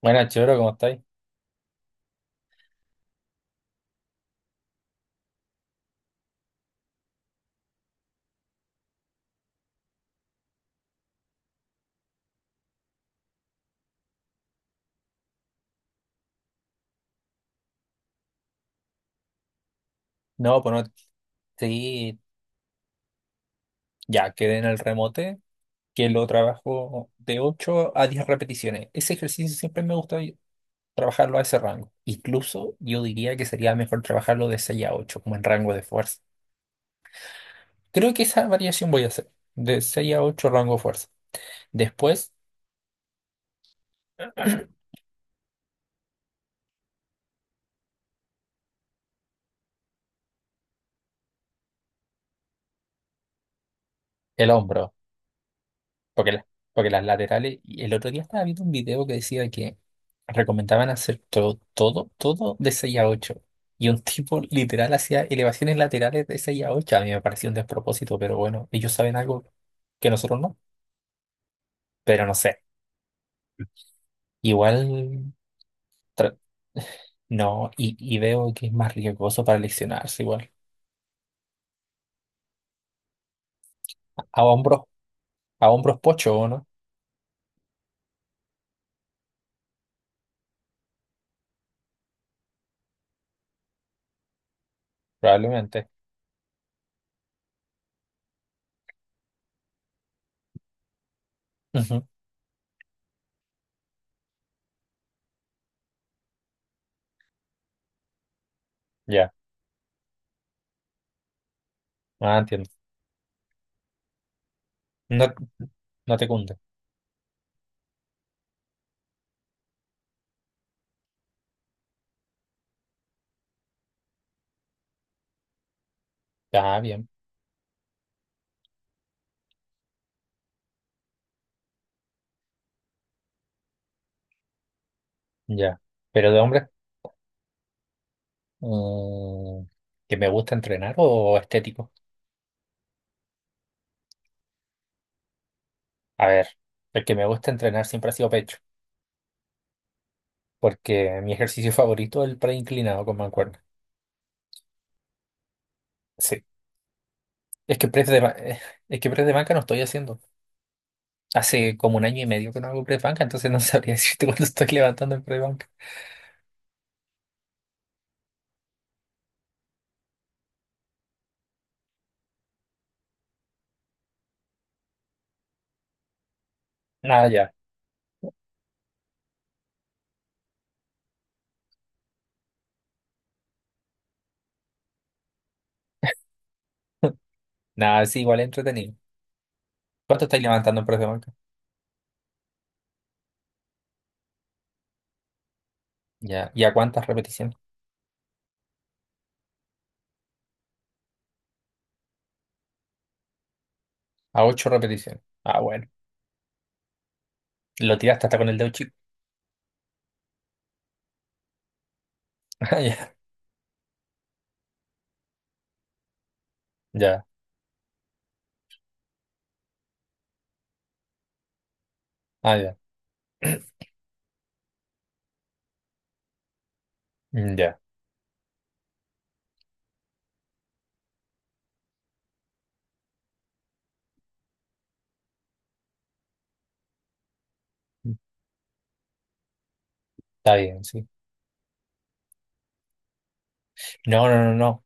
Buenas, Choro, ¿cómo estáis? No, pues no, sí, ya quedé en el remote, que lo trabajo de 8 a 10 repeticiones. Ese ejercicio siempre me gusta trabajarlo a ese rango. Incluso yo diría que sería mejor trabajarlo de 6 a 8 como en rango de fuerza. Creo que esa variación voy a hacer, de 6 a 8 rango de fuerza. Después, el hombro. Porque, la- Porque las laterales, y el otro día estaba viendo un video que decía que recomendaban hacer todo de 6 a 8. Y un tipo literal hacía elevaciones laterales de 6 a 8. A mí me pareció un despropósito, pero bueno, ellos saben algo que nosotros no. Pero no sé. Igual tra- no, y veo que es más riesgoso para leccionarse igual. A hombros, a hombros pocho, ¿o no? Probablemente. Ujú. Ya. Ah, entiendo. No, no te cunde. Ya, bien. Ya. Pero de hombres. Mm, ¿Que me gusta entrenar o estético? A ver, el que me gusta entrenar siempre ha sido pecho, porque mi ejercicio favorito es el pre inclinado con mancuerna. Sí. Es que press de, ba- eh, es que press de banca no estoy haciendo. Hace como un año y medio que no hago press banca, entonces no sabría decirte cuánto estoy levantando en press banca. Nada, ya. Nada, sí, igual es entretenido. ¿Cuánto estáis levantando en press de banca? Ya. ¿Y a cuántas repeticiones? A 8 repeticiones. Ah, bueno. Lo tiraste hasta con el dedo chico. Ah, ya. Ya. Ah, ya. Ya. Está bien, sí. No.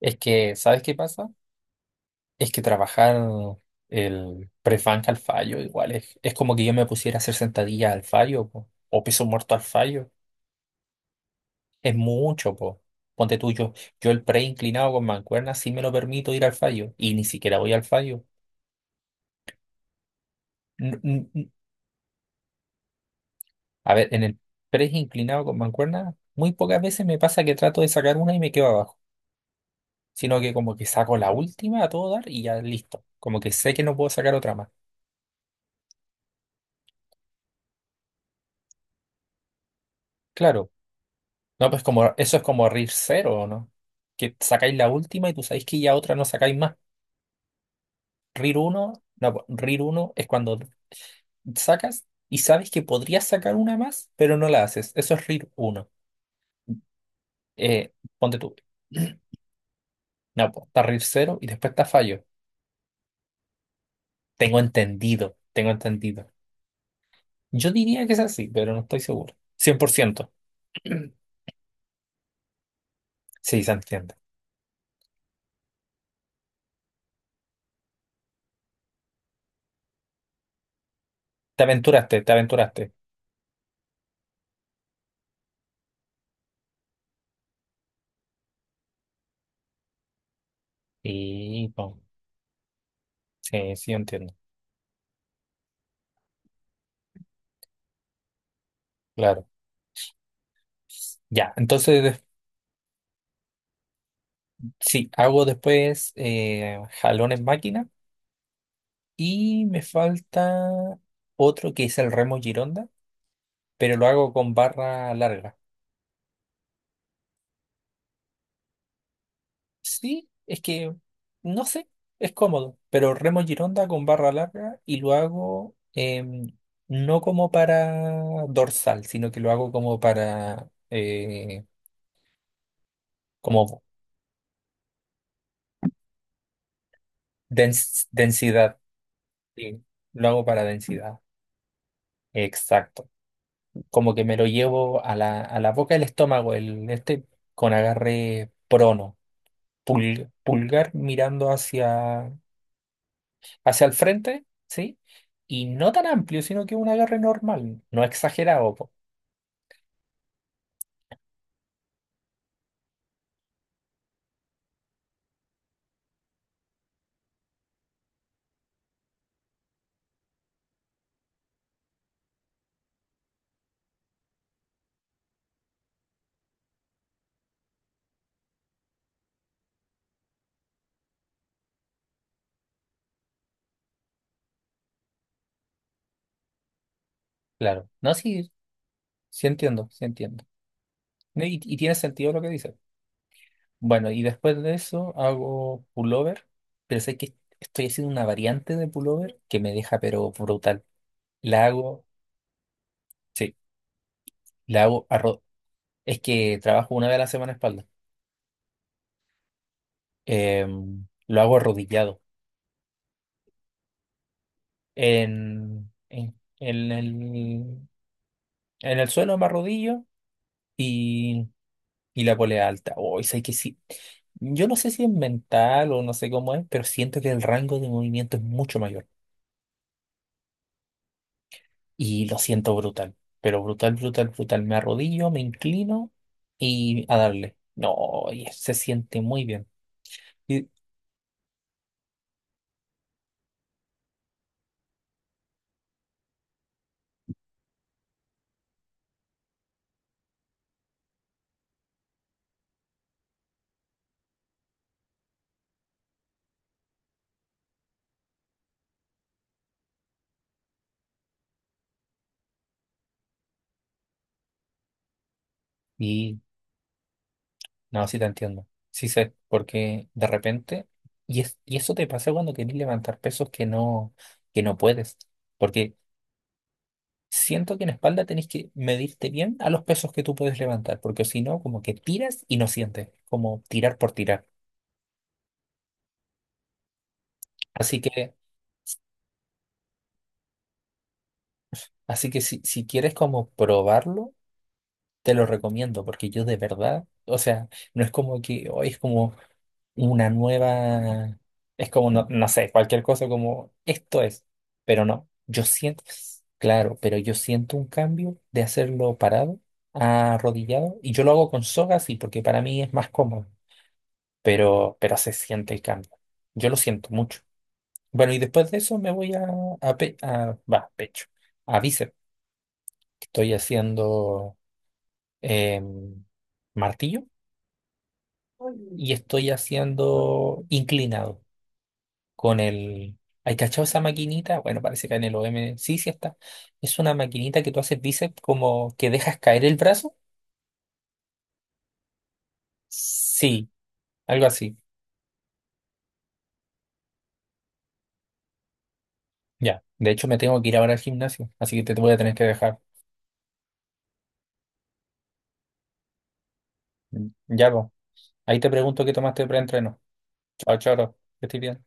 Es que, ¿sabes qué pasa? Es que trabajar el press banca al fallo igual es como que yo me pusiera a hacer sentadillas al fallo po, o peso muerto al fallo. Es mucho, po. Ponte tú, yo, yo el pre inclinado con mancuerna sí me lo permito ir al fallo y ni siquiera voy al fallo. N- n- n- A ver, en el pre inclinado con mancuerna muy pocas veces me pasa que trato de sacar una y me quedo abajo, sino que como que saco la última a todo dar y ya listo. Como que sé que no puedo sacar otra más. Claro. No, pues como eso es como RIR cero, ¿o no? Que sacáis la última y tú sabéis que ya otra no sacáis más. RIR uno no, po, RIR uno es cuando sacas y sabes que podrías sacar una más, pero no la haces. Eso es RIR uno. Ponte tú. No, pues está RIR cero y después está fallo. Tengo entendido, tengo entendido. Yo diría que es así, pero no estoy seguro. 100%. Sí, se entiende. Te aventuraste, te aventuraste. Y, po, sí, sí, yo entiendo. Claro. Ya, entonces sí, hago después jalón en máquina y me falta otro que es el remo Gironda, pero lo hago con barra larga. Sí, es que no sé, es cómodo, pero remo Gironda con barra larga y lo hago no como para dorsal, sino que lo hago como para como densidad. Sí, lo hago para densidad. Exacto. Como que me lo llevo a a la boca del estómago, el este, con agarre prono, pulgar mirando hacia, hacia el frente, ¿sí? Y no tan amplio, sino que un agarre normal, no exagerado, po. Claro. No, sí, sí entiendo, sí entiendo. Y tiene sentido lo que dice. Bueno, y después de eso hago pullover, pero sé que estoy haciendo una variante de pullover que me deja pero brutal. La hago, sí, la hago es que trabajo una vez a la semana espalda. Lo hago arrodillado. En, en, en el, en el suelo me arrodillo y, y la polea alta. Oh, y sé que sí. Yo no sé si es mental o no sé cómo es, pero siento que el rango de movimiento es mucho mayor. Y lo siento brutal. Pero brutal, brutal, brutal. Me arrodillo, me inclino y a darle. No, y se siente muy bien. Y, no, sí te entiendo. Sí sé, porque de repente, y eso te pasa cuando querés levantar pesos que no puedes, porque siento que en espalda tenés que medirte bien a los pesos que tú puedes levantar, porque si no, como que tiras y no sientes, como tirar por tirar. Así que, así que si quieres como probarlo, te lo recomiendo, porque yo de verdad, o sea, no es como que hoy es como una nueva, es como, no, no sé, cualquier cosa como esto es, pero no, yo siento, claro, pero yo siento un cambio de hacerlo parado, arrodillado, y yo lo hago con soga, sí, porque para mí es más cómodo, pero se siente el cambio, yo lo siento mucho. Bueno, y después de eso me voy a pecho, a bíceps, estoy haciendo em, martillo y estoy haciendo inclinado con el... ¿Hay cachado esa maquinita? Bueno, parece que en el OM sí, sí está. Es una maquinita que tú haces bíceps como que dejas caer el brazo. Sí, algo así. Ya. De hecho, me tengo que ir ahora al gimnasio, así que te voy a tener que dejar. Ya, po. Ahí te pregunto qué tomaste de preentreno. Chao, choro. Que estés bien.